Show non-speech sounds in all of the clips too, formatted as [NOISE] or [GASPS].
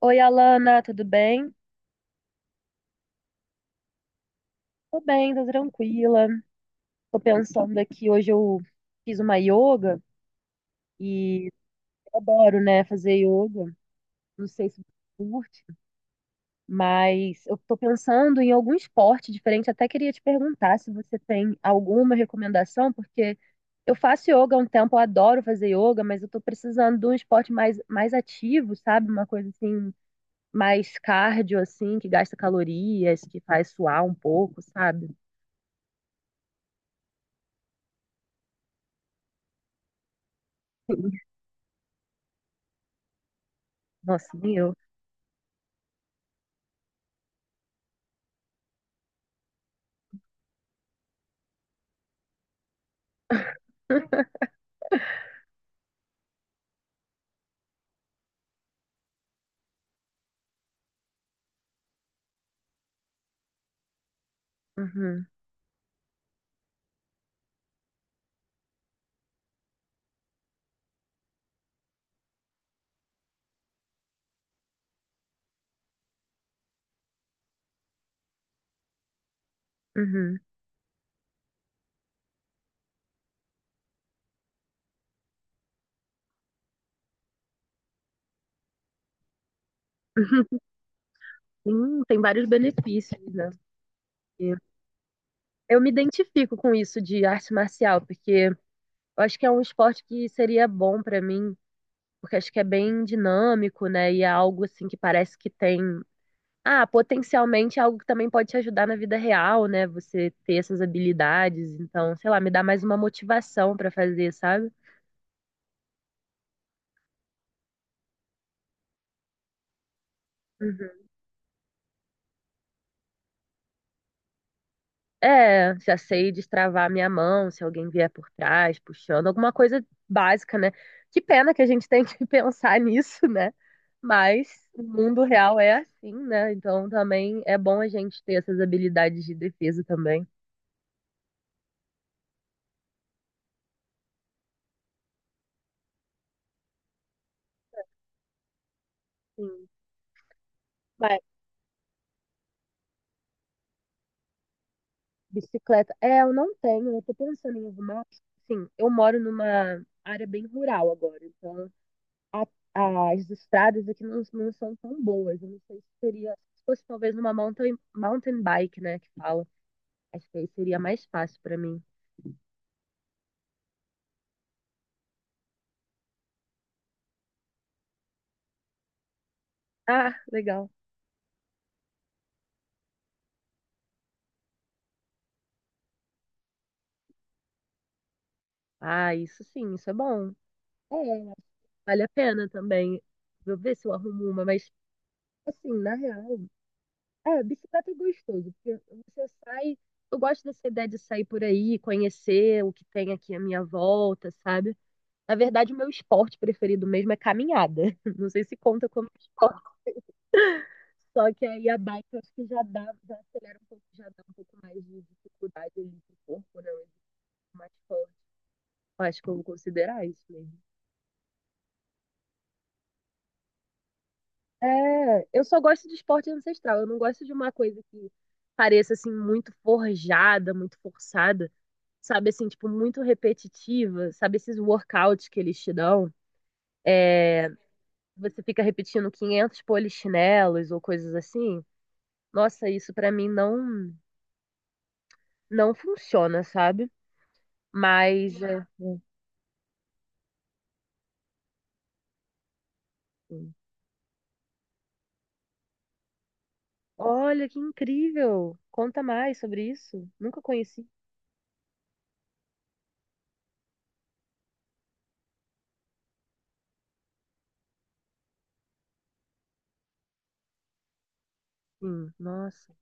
Oi, Alana, tudo bem? Tô bem, tô tranquila. Tô pensando aqui, hoje eu fiz uma yoga e eu adoro, né, fazer yoga. Não sei se você curte, mas eu tô pensando em algum esporte diferente. Até queria te perguntar se você tem alguma recomendação, porque eu faço yoga há um tempo, eu adoro fazer yoga, mas eu tô precisando de um esporte mais ativo, sabe? Uma coisa assim, mais cardio, assim, que gasta calorias, que faz suar um pouco, sabe? Nossa, nem eu. Uhum, uhum. [LAUGHS] Sim, tem vários benefícios, né? Porque eu me identifico com isso de arte marcial, porque eu acho que é um esporte que seria bom pra mim, porque acho que é bem dinâmico, né? E é algo assim que parece que tem. Ah, potencialmente é algo que também pode te ajudar na vida real, né? Você ter essas habilidades. Então, sei lá, me dá mais uma motivação pra fazer, sabe? É, já sei destravar minha mão se alguém vier por trás, puxando, alguma coisa básica, né? Que pena que a gente tem que [LAUGHS] pensar nisso, né? Mas o mundo real é assim, né? Então também é bom a gente ter essas habilidades de defesa também. Sim. Mas bicicleta, é, eu não tenho, eu tô pensando em arrumar. Sim, eu moro numa área bem rural agora, então as estradas aqui não são tão boas. Eu não sei se seria, se fosse talvez uma mountain bike, né, que fala. Acho que aí seria mais fácil pra mim. Ah, legal. Ah, isso sim, isso é bom. É, vale a pena também. Vou ver se eu arrumo uma, mas assim, na real, é, bicicleta é gostoso, porque você sai, eu gosto dessa ideia de sair por aí, conhecer o que tem aqui à minha volta, sabe? Na verdade, o meu esporte preferido mesmo é caminhada. [LAUGHS] Não sei se conta como esporte. Só que aí a bike eu acho que já dá, já acelera um pouco, já dá um pouco mais de dificuldade ali pro corpo, né? Um exercício mais forte. Eu acho que eu vou considerar isso mesmo. É, eu só gosto de esporte ancestral. Eu não gosto de uma coisa que pareça assim muito forjada, muito forçada, sabe assim, tipo muito repetitiva, sabe esses workouts que eles te dão, você fica repetindo 500 polichinelos ou coisas assim. Nossa, isso pra mim não funciona, sabe? Mas é. Olha, que incrível! Conta mais sobre isso. Nunca conheci. Nossa.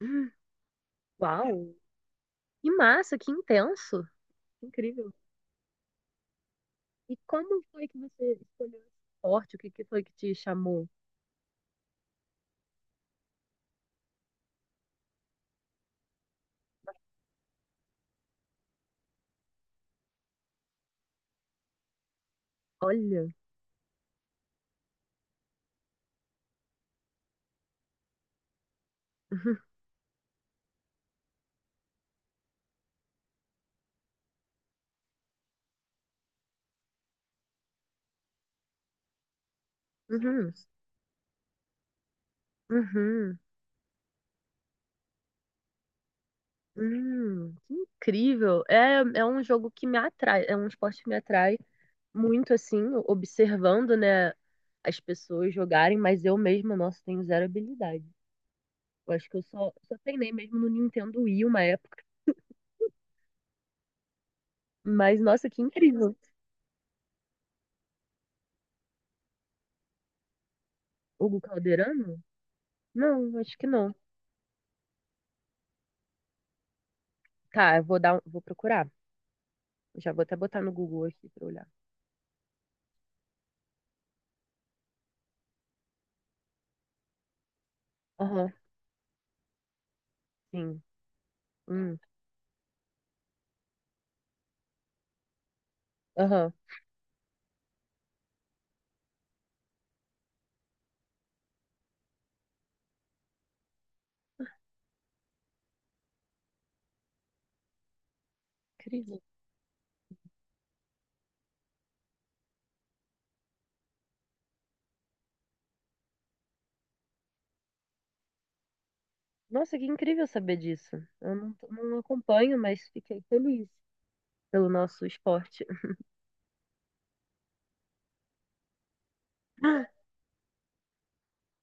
Hum, Uau! Que massa, que intenso. Incrível. E como foi que você escolheu esse esporte? O que que foi que te chamou? Olha. [LAUGHS] Uhum. Uhum. Uhum. Que incrível. É, é um jogo que me atrai, é um esporte que me atrai muito assim, observando, né, as pessoas jogarem, mas eu mesma, nossa, tenho zero habilidade. Eu acho que eu só treinei mesmo no Nintendo Wii uma época. Mas, nossa, que incrível. Hugo Calderano? Não, acho que não. Tá, eu vou dar, um, vou procurar. Já vou até botar no Google aqui pra olhar. Aham, sim. Hum, aham. Incrível. Nossa, que incrível saber disso. Eu não acompanho, mas fiquei feliz pelo nosso esporte. [GASPS]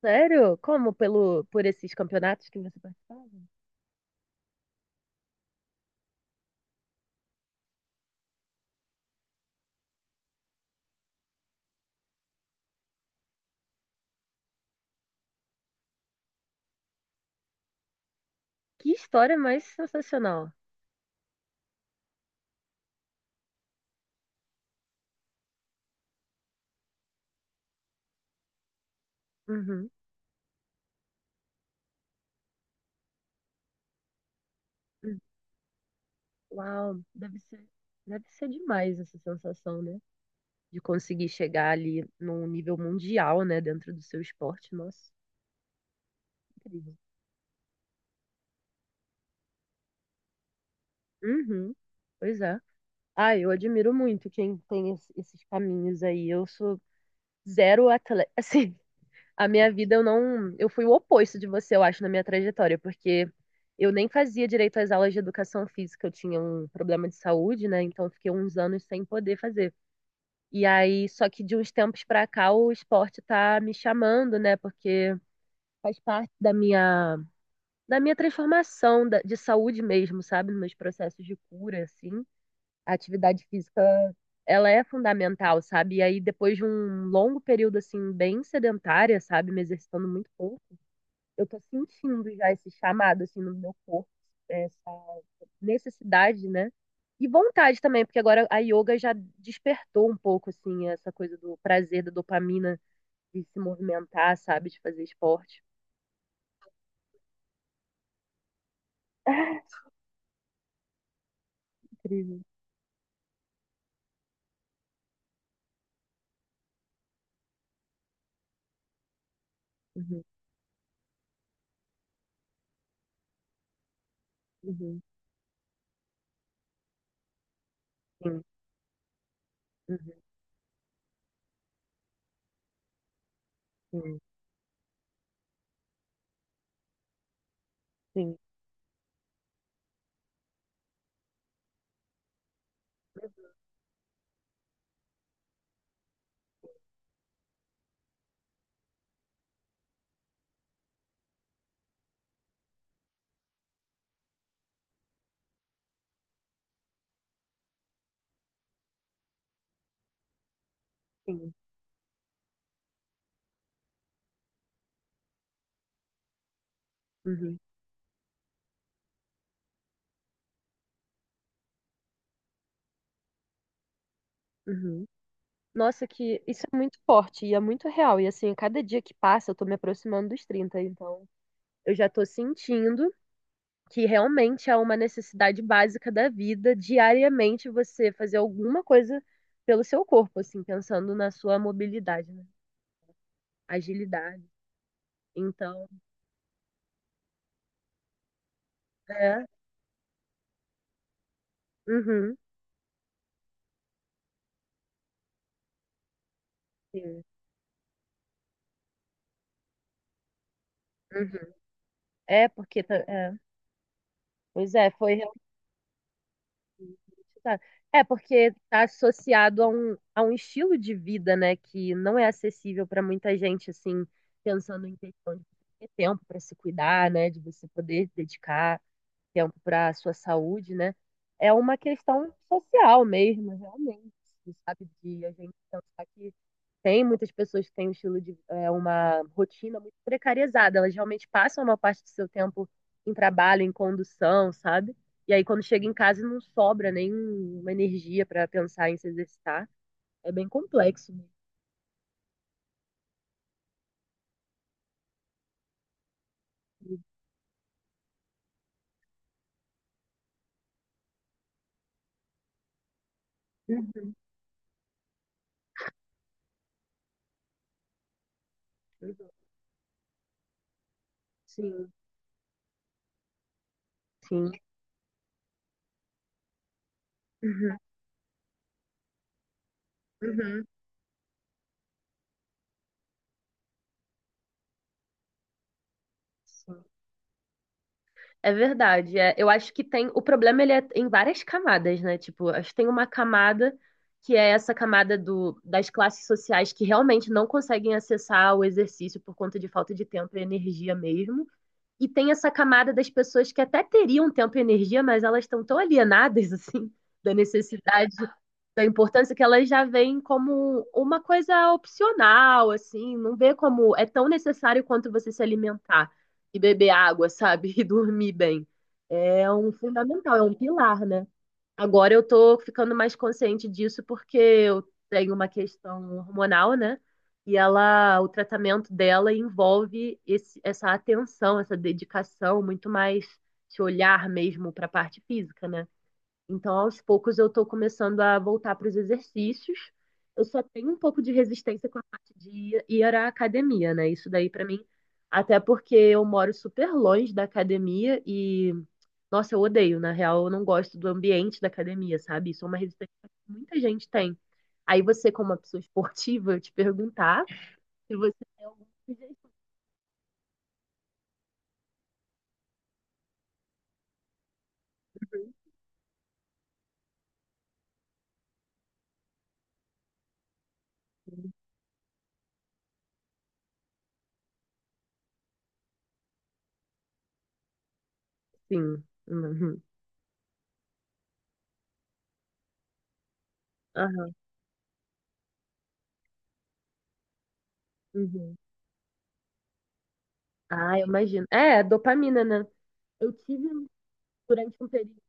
Sério? Como? Pelo, por esses campeonatos que você participava? Que história mais sensacional. Uhum, uhum. Uau, deve ser demais essa sensação, né? De conseguir chegar ali num nível mundial, né? Dentro do seu esporte. Nossa, incrível. Uhum, pois é. Ah, eu admiro muito quem tem esses caminhos aí. Eu sou zero atleta. [LAUGHS] Assim, a minha vida eu não. Eu fui o oposto de você, eu acho, na minha trajetória, porque eu nem fazia direito às aulas de educação física. Eu tinha um problema de saúde, né? Então eu fiquei uns anos sem poder fazer. E aí, só que de uns tempos pra cá o esporte tá me chamando, né? Porque faz parte da minha transformação de saúde mesmo, sabe? Nos meus processos de cura, assim. A atividade física, ela é fundamental, sabe? E aí, depois de um longo período, assim, bem sedentária, sabe? Me exercitando muito pouco, eu tô sentindo já esse chamado, assim, no meu corpo, essa necessidade, né? E vontade também, porque agora a yoga já despertou um pouco, assim, essa coisa do prazer, da dopamina, de se movimentar, sabe? De fazer esporte. [LAUGHS] Incrível. Uhum, uhum, sim, uhum, sim, sim, sim, uhum, uhum. Nossa, que isso é muito forte e é muito real. E assim, a cada dia que passa, eu tô me aproximando dos 30, então eu já tô sentindo que realmente é uma necessidade básica da vida, diariamente você fazer alguma coisa pelo seu corpo, assim, pensando na sua mobilidade, né? Agilidade. Então, é. Uhum. Sim. Uhum. É, porque é. Pois é, foi realmente. Tá. É, porque está associado a um estilo de vida, né, que não é acessível para muita gente, assim, pensando em questão de ter tempo para se cuidar, né, de você poder dedicar tempo para a sua saúde, né? É uma questão social mesmo, realmente, sabe? De a gente pensar que tem muitas pessoas que têm um estilo de é, uma rotina muito precarizada, elas realmente passam uma parte do seu tempo em trabalho, em condução, sabe? E aí quando chega em casa não sobra nenhuma energia para pensar em se exercitar. É bem complexo mesmo. Uhum, uhum. Sim, sim. Uhum, uhum. Sim. É verdade, é. Eu acho que tem. O problema ele é em várias camadas, né? Tipo, acho que tem uma camada que é essa camada do, das classes sociais que realmente não conseguem acessar o exercício por conta de falta de tempo e energia mesmo. E tem essa camada das pessoas que até teriam tempo e energia, mas elas estão tão alienadas, [LAUGHS] assim, da necessidade da importância que elas já veem como uma coisa opcional, assim, não vê como é tão necessário quanto você se alimentar e beber água, sabe? [LAUGHS] E dormir bem. É um fundamental, é um pilar, né? Agora eu tô ficando mais consciente disso porque eu tenho uma questão hormonal, né? E ela, o tratamento dela envolve essa atenção, essa dedicação, muito mais se olhar mesmo para a parte física, né? Então, aos poucos, eu estou começando a voltar para os exercícios. Eu só tenho um pouco de resistência com a parte de ir à academia, né? Isso daí para mim, até porque eu moro super longe da academia e, nossa, eu odeio, na real, eu não gosto do ambiente da academia, sabe? Isso é uma resistência que muita gente tem. Aí você, como uma pessoa esportiva, eu te perguntar se você tem alguma sugestão. Sim. Uhum. Aham. Uhum. Ah, eu imagino. É, dopamina, né? Eu tive um, durante um período.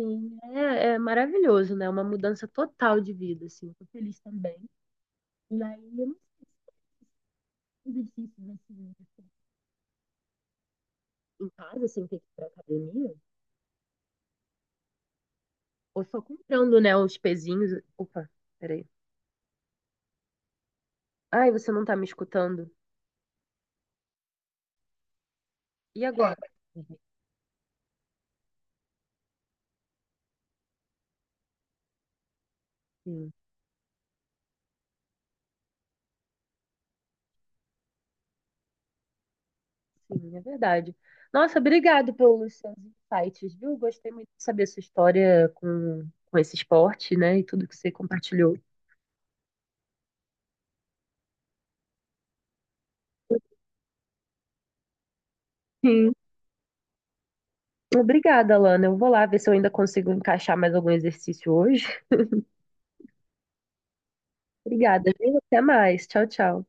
Sim, é, é maravilhoso, né? É uma mudança total de vida, assim. Eu tô feliz também. E aí, eu não sei se tem exercícios assim, em casa, sem ter que ir pra academia, ou só comprando, né, os pezinhos. Opa, peraí. Ai, você não tá me escutando? E agora? Sim, sim, é verdade. Nossa, obrigado pelos seus insights, viu? Gostei muito de saber a sua história com esse esporte, né, e tudo que você compartilhou. Sim, obrigada, Lana. Eu vou lá ver se eu ainda consigo encaixar mais algum exercício hoje. Obrigada, viu? Até mais. Tchau, tchau.